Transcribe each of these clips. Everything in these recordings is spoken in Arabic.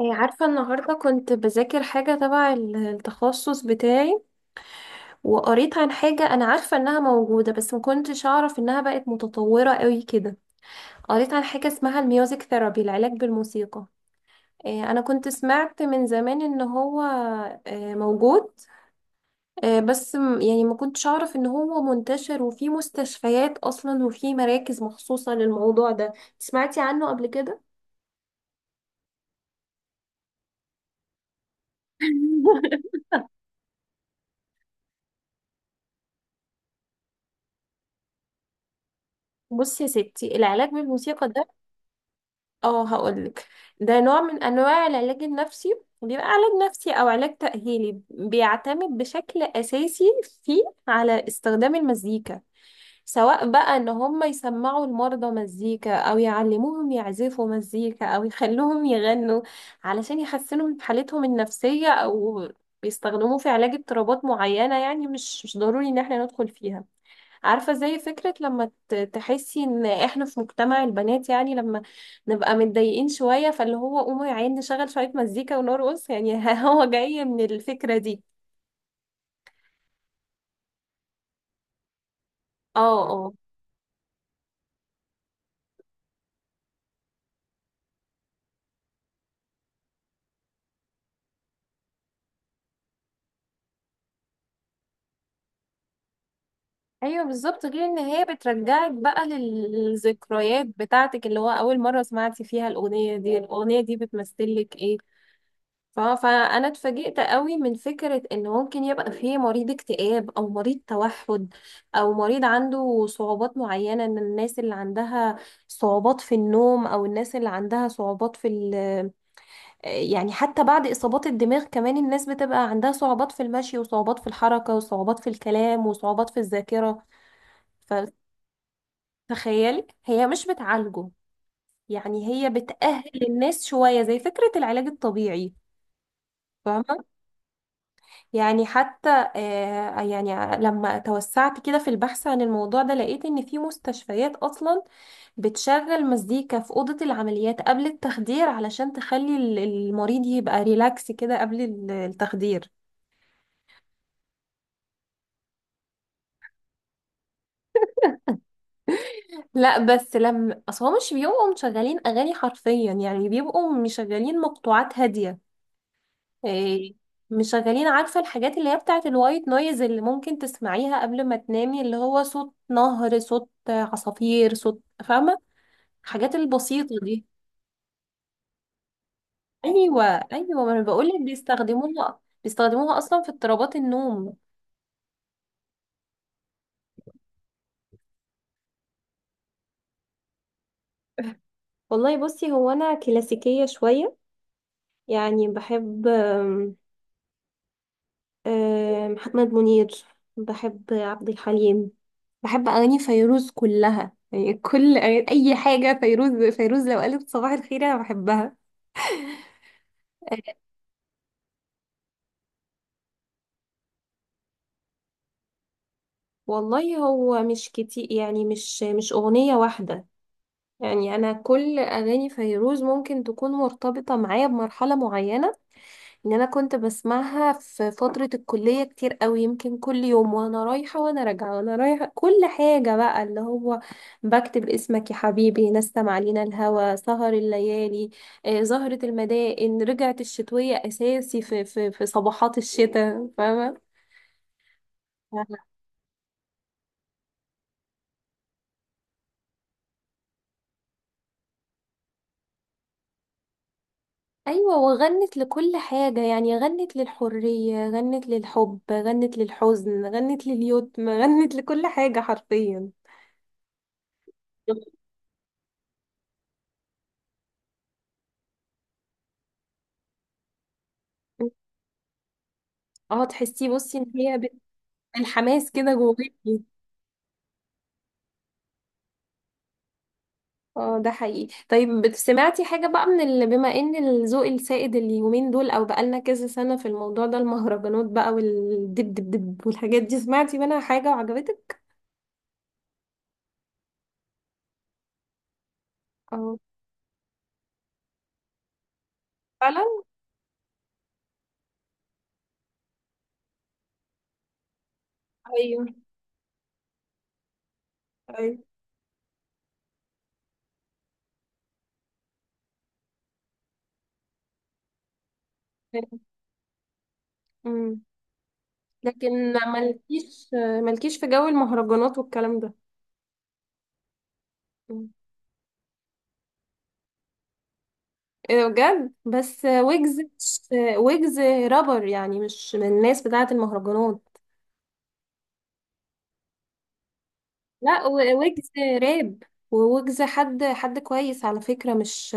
إيه، عارفة، النهاردة كنت بذاكر حاجة تبع التخصص بتاعي. وقريت عن حاجة أنا عارفة إنها موجودة، بس ما كنتش أعرف إنها بقت متطورة قوي كده. قريت عن حاجة اسمها الميوزك ثيرابي، العلاج بالموسيقى. إيه، أنا كنت سمعت من زمان إن هو، إيه، موجود. إيه، بس يعني ما كنتش أعرف إن هو منتشر وفي مستشفيات أصلا وفي مراكز مخصوصة للموضوع ده. سمعتي عنه قبل كده؟ بصي يا ستي، العلاج بالموسيقى، اه هقولك. ده نوع من انواع العلاج النفسي، بيبقى علاج نفسي او علاج تأهيلي، بيعتمد بشكل اساسي فيه على استخدام المزيكا، سواء بقى ان هم يسمعوا المرضى مزيكا او يعلموهم يعزفوا مزيكا او يخلوهم يغنوا علشان يحسنوا من حالتهم النفسية، او بيستخدموه في علاج اضطرابات معينة، يعني مش ضروري ان احنا ندخل فيها. عارفة زي فكرة لما تحسي ان احنا في مجتمع البنات، يعني لما نبقى متضايقين شوية، فاللي هو قوموا يا عيني نشغل شوية مزيكا ونرقص يعني. هو جاي من الفكرة دي. اه، اه. ايوه، بالظبط، غير ان هي بترجعك بقى للذكريات بتاعتك، اللي هو اول مرة سمعتي فيها الاغنية دي، الاغنية دي بتمثلك ايه. فانا اتفاجئت قوي من فكره ان ممكن يبقى فيه مريض اكتئاب او مريض توحد او مريض عنده صعوبات معينه، من الناس اللي عندها صعوبات في النوم، او الناس اللي عندها صعوبات في يعني حتى بعد اصابات الدماغ، كمان الناس بتبقى عندها صعوبات في المشي، وصعوبات في الحركه، وصعوبات في الكلام، وصعوبات في الذاكره. فتخيلي، هي مش بتعالجه، يعني هي بتأهل الناس شويه زي فكره العلاج الطبيعي. يعني حتى يعني لما توسعت كده في البحث عن الموضوع ده، لقيت ان في مستشفيات اصلا بتشغل مزيكا في أوضة العمليات قبل التخدير، علشان تخلي المريض يبقى ريلاكس كده قبل التخدير. لا بس لما، اصل هو مش بيبقوا مشغلين اغاني حرفيا، يعني بيبقوا مشغلين مقطوعات هادية. إيه، مشغلين، عارفة الحاجات اللي هي بتاعت الوايت نويز اللي ممكن تسمعيها قبل ما تنامي، اللي هو صوت نهر، صوت عصافير، صوت، فاهمة، الحاجات البسيطة دي. ايوه، ايوه، ما انا بقول لك، بيستخدموها اصلا في اضطرابات النوم. والله بصي، هو انا كلاسيكية شوية، يعني بحب آم، آم، محمد منير، بحب عبد الحليم، بحب اغاني فيروز كلها. يعني كل اي حاجة فيروز، فيروز لو قالت صباح الخير انا بحبها. والله هو مش كتير، يعني مش اغنية واحدة. يعني انا كل اغاني فيروز ممكن تكون مرتبطة معايا بمرحلة معينة، ان انا كنت بسمعها في فترة الكلية كتير قوي، يمكن كل يوم وانا رايحة وانا راجعة وانا رايحة، كل حاجة بقى، اللي هو بكتب اسمك يا حبيبي، نسم علينا الهوى، سهر الليالي، آه، زهرة المدائن، رجعت الشتوية، اساسي في صباحات الشتاء، فاهمة. ايوه، وغنت لكل حاجة، يعني غنت للحرية، غنت للحب، غنت للحزن، غنت لليتم، غنت لكل حاجة حرفيا. اه، تحسي بصي ان هي الحماس كده جواكي. اه، ده حقيقي. طيب سمعتي حاجة بقى، من اللي بما ان الذوق السائد اليومين دول او بقالنا كذا سنة في الموضوع ده، المهرجانات بقى والدب دب دب والحاجات دي، سمعتي منها حاجة وعجبتك؟ اه. فعلا. ايوه، ايوه. امم لكن مالكيش، في جو المهرجانات والكلام ده. مم. ايه ده بجد؟ بس ويجز رابر، يعني مش من الناس بتاعة المهرجانات. لا ويجز راب. وويجز حد كويس على فكرة، مش،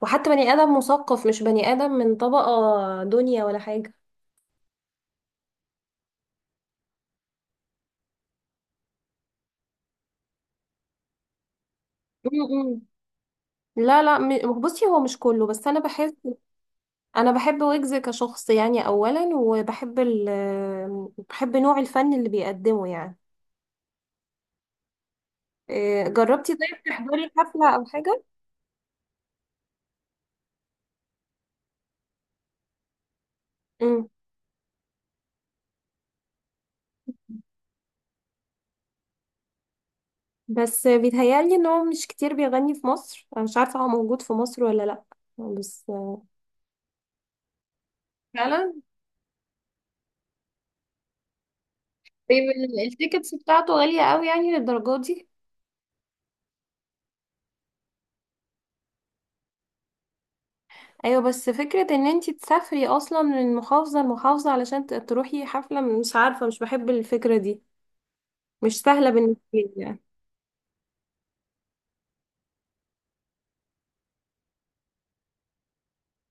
وحتى بني آدم مثقف، مش بني آدم من طبقة دنيا ولا حاجة. م-م. لا لا، بصي، هو مش كله، بس أنا بحس، أنا بحب ويجز كشخص يعني، أولا، وبحب ال بحب نوع الفن اللي بيقدمه يعني. إيه، جربتي طيب تحضري حفلة أو حاجة؟ م. بس بيتهيألي إن هو مش كتير بيغني في مصر، أنا مش عارفة هو موجود في مصر ولا لأ. بس. فعلا. طيب التيكتس بتاعته غالية قوي، يعني للدرجة دي؟ ايوه بس فكرة ان انتي تسافري اصلا من محافظة لمحافظة علشان تروحي حفلة، مش عارفة، مش بحب الفكرة دي، مش سهلة بالنسبة لي يعني.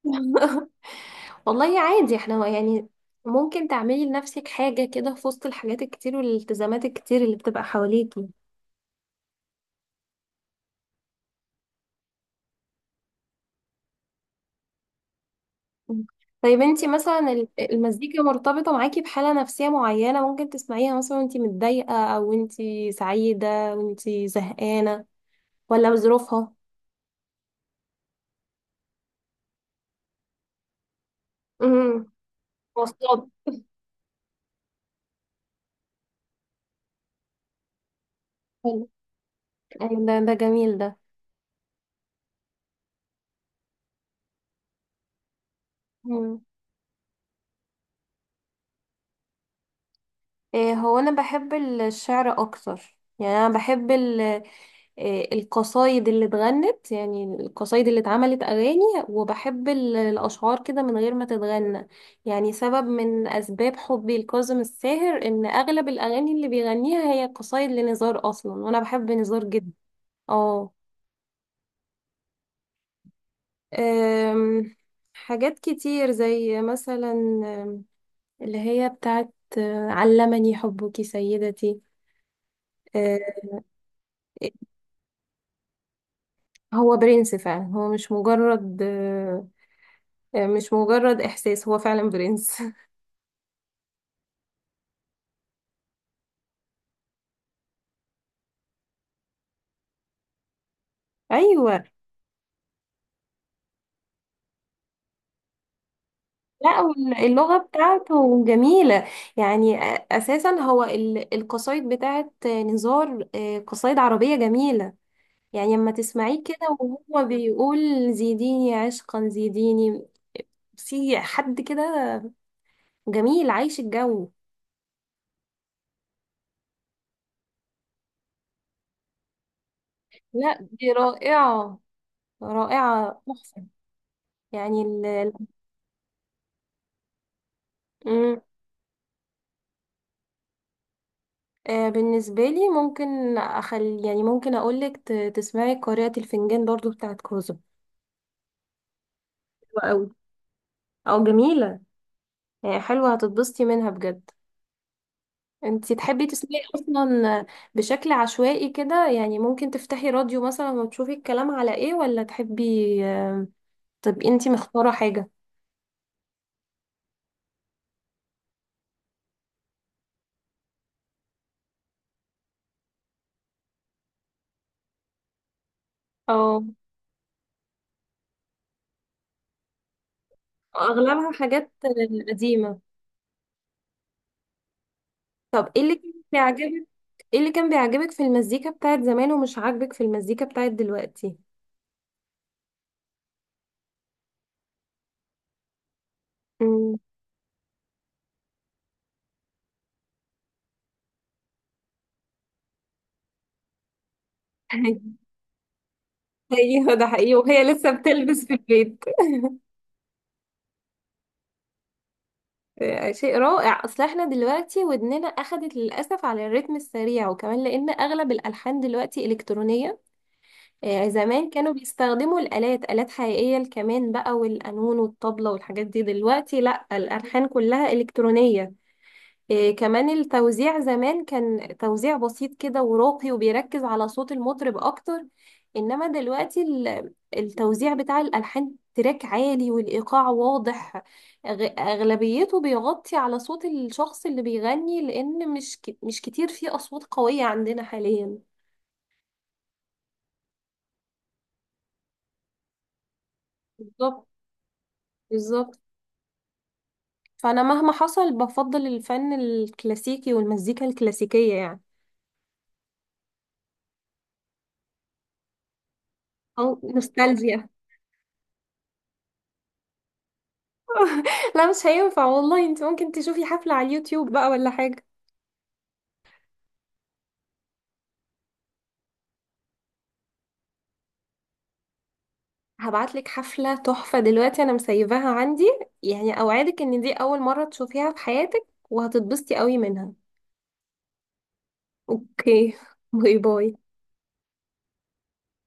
والله عادي، احنا يعني ممكن تعملي لنفسك حاجة كده في وسط الحاجات الكتير والالتزامات الكتير اللي بتبقى حواليكي. طيب انتي مثلا المزيكا مرتبطة معاكي بحالة نفسية معينة؟ ممكن تسمعيها مثلا وانتي متضايقة او انتي سعيدة وانتي زهقانة، ولا بظروفها؟ امم وصلت. حلو. أيوة، ده جميل ده. مم. إيه، هو انا بحب الشعر اكتر، يعني انا بحب إيه القصايد اللي اتغنت، يعني القصايد اللي اتعملت اغاني، وبحب الاشعار كده من غير ما تتغنى. يعني سبب من اسباب حبي لكاظم الساهر ان اغلب الاغاني اللي بيغنيها هي قصايد لنزار اصلا، وانا بحب نزار جدا. اه. أم، حاجات كتير زي مثلا اللي هي بتاعت علمني حبك سيدتي. آه، هو برنس فعلا، هو مش مجرد مش مجرد إحساس، هو فعلا برنس. أيوة. لا اللغة بتاعته جميلة، يعني أساسا هو القصايد بتاعت نزار، قصايد عربية جميلة. يعني لما تسمعيه كده وهو بيقول زيديني عشقا زيديني، في حد كده جميل عايش الجو. لا، دي رائعة، رائعة تحفة. يعني مم. بالنسبة لي، ممكن أخلي، يعني ممكن أقولك تسمعي قارئة الفنجان برضو بتاعت كوزو. حلوة أوي، أو جميلة، يعني حلوة هتتبسطي منها بجد. انتي تحبي تسمعي أصلا بشكل عشوائي كده؟ يعني ممكن تفتحي راديو مثلا وتشوفي الكلام على إيه، ولا تحبي طب انتي مختارة حاجة؟ أو أغلبها حاجات قديمة. طب ايه اللي كان بيعجبك، ايه اللي كان بيعجبك في المزيكا بتاعت زمان ومش عاجبك في المزيكا بتاعت دلوقتي؟ مم. ايوه ده حقيقي، وهي لسه بتلبس في البيت. شيء رائع، اصل احنا دلوقتي ودننا اخدت للاسف على الريتم السريع، وكمان لان اغلب الالحان دلوقتي الكترونيه. زمان كانوا بيستخدموا الالات، الات حقيقيه، الكمان بقى والقانون والطبله والحاجات دي، دلوقتي لا، الالحان كلها الكترونيه. إيه، كمان التوزيع زمان كان توزيع بسيط كده وراقي وبيركز على صوت المطرب اكتر، انما دلوقتي التوزيع بتاع الالحان تراك عالي والايقاع واضح، اغلبيته بيغطي على صوت الشخص اللي بيغني، لان مش كتير فيه اصوات قوية عندنا حاليا. بالظبط، بالظبط. فانا مهما حصل بفضل الفن الكلاسيكي والمزيكا الكلاسيكية يعني، او نوستالجيا. لا مش هينفع والله، انت ممكن تشوفي حفلة على اليوتيوب بقى ولا حاجة. هبعتلك حفلة تحفة دلوقتي، انا مسيباها عندي، يعني اوعدك ان دي اول مرة تشوفيها في حياتك وهتتبسطي قوي منها. اوكي. باي باي.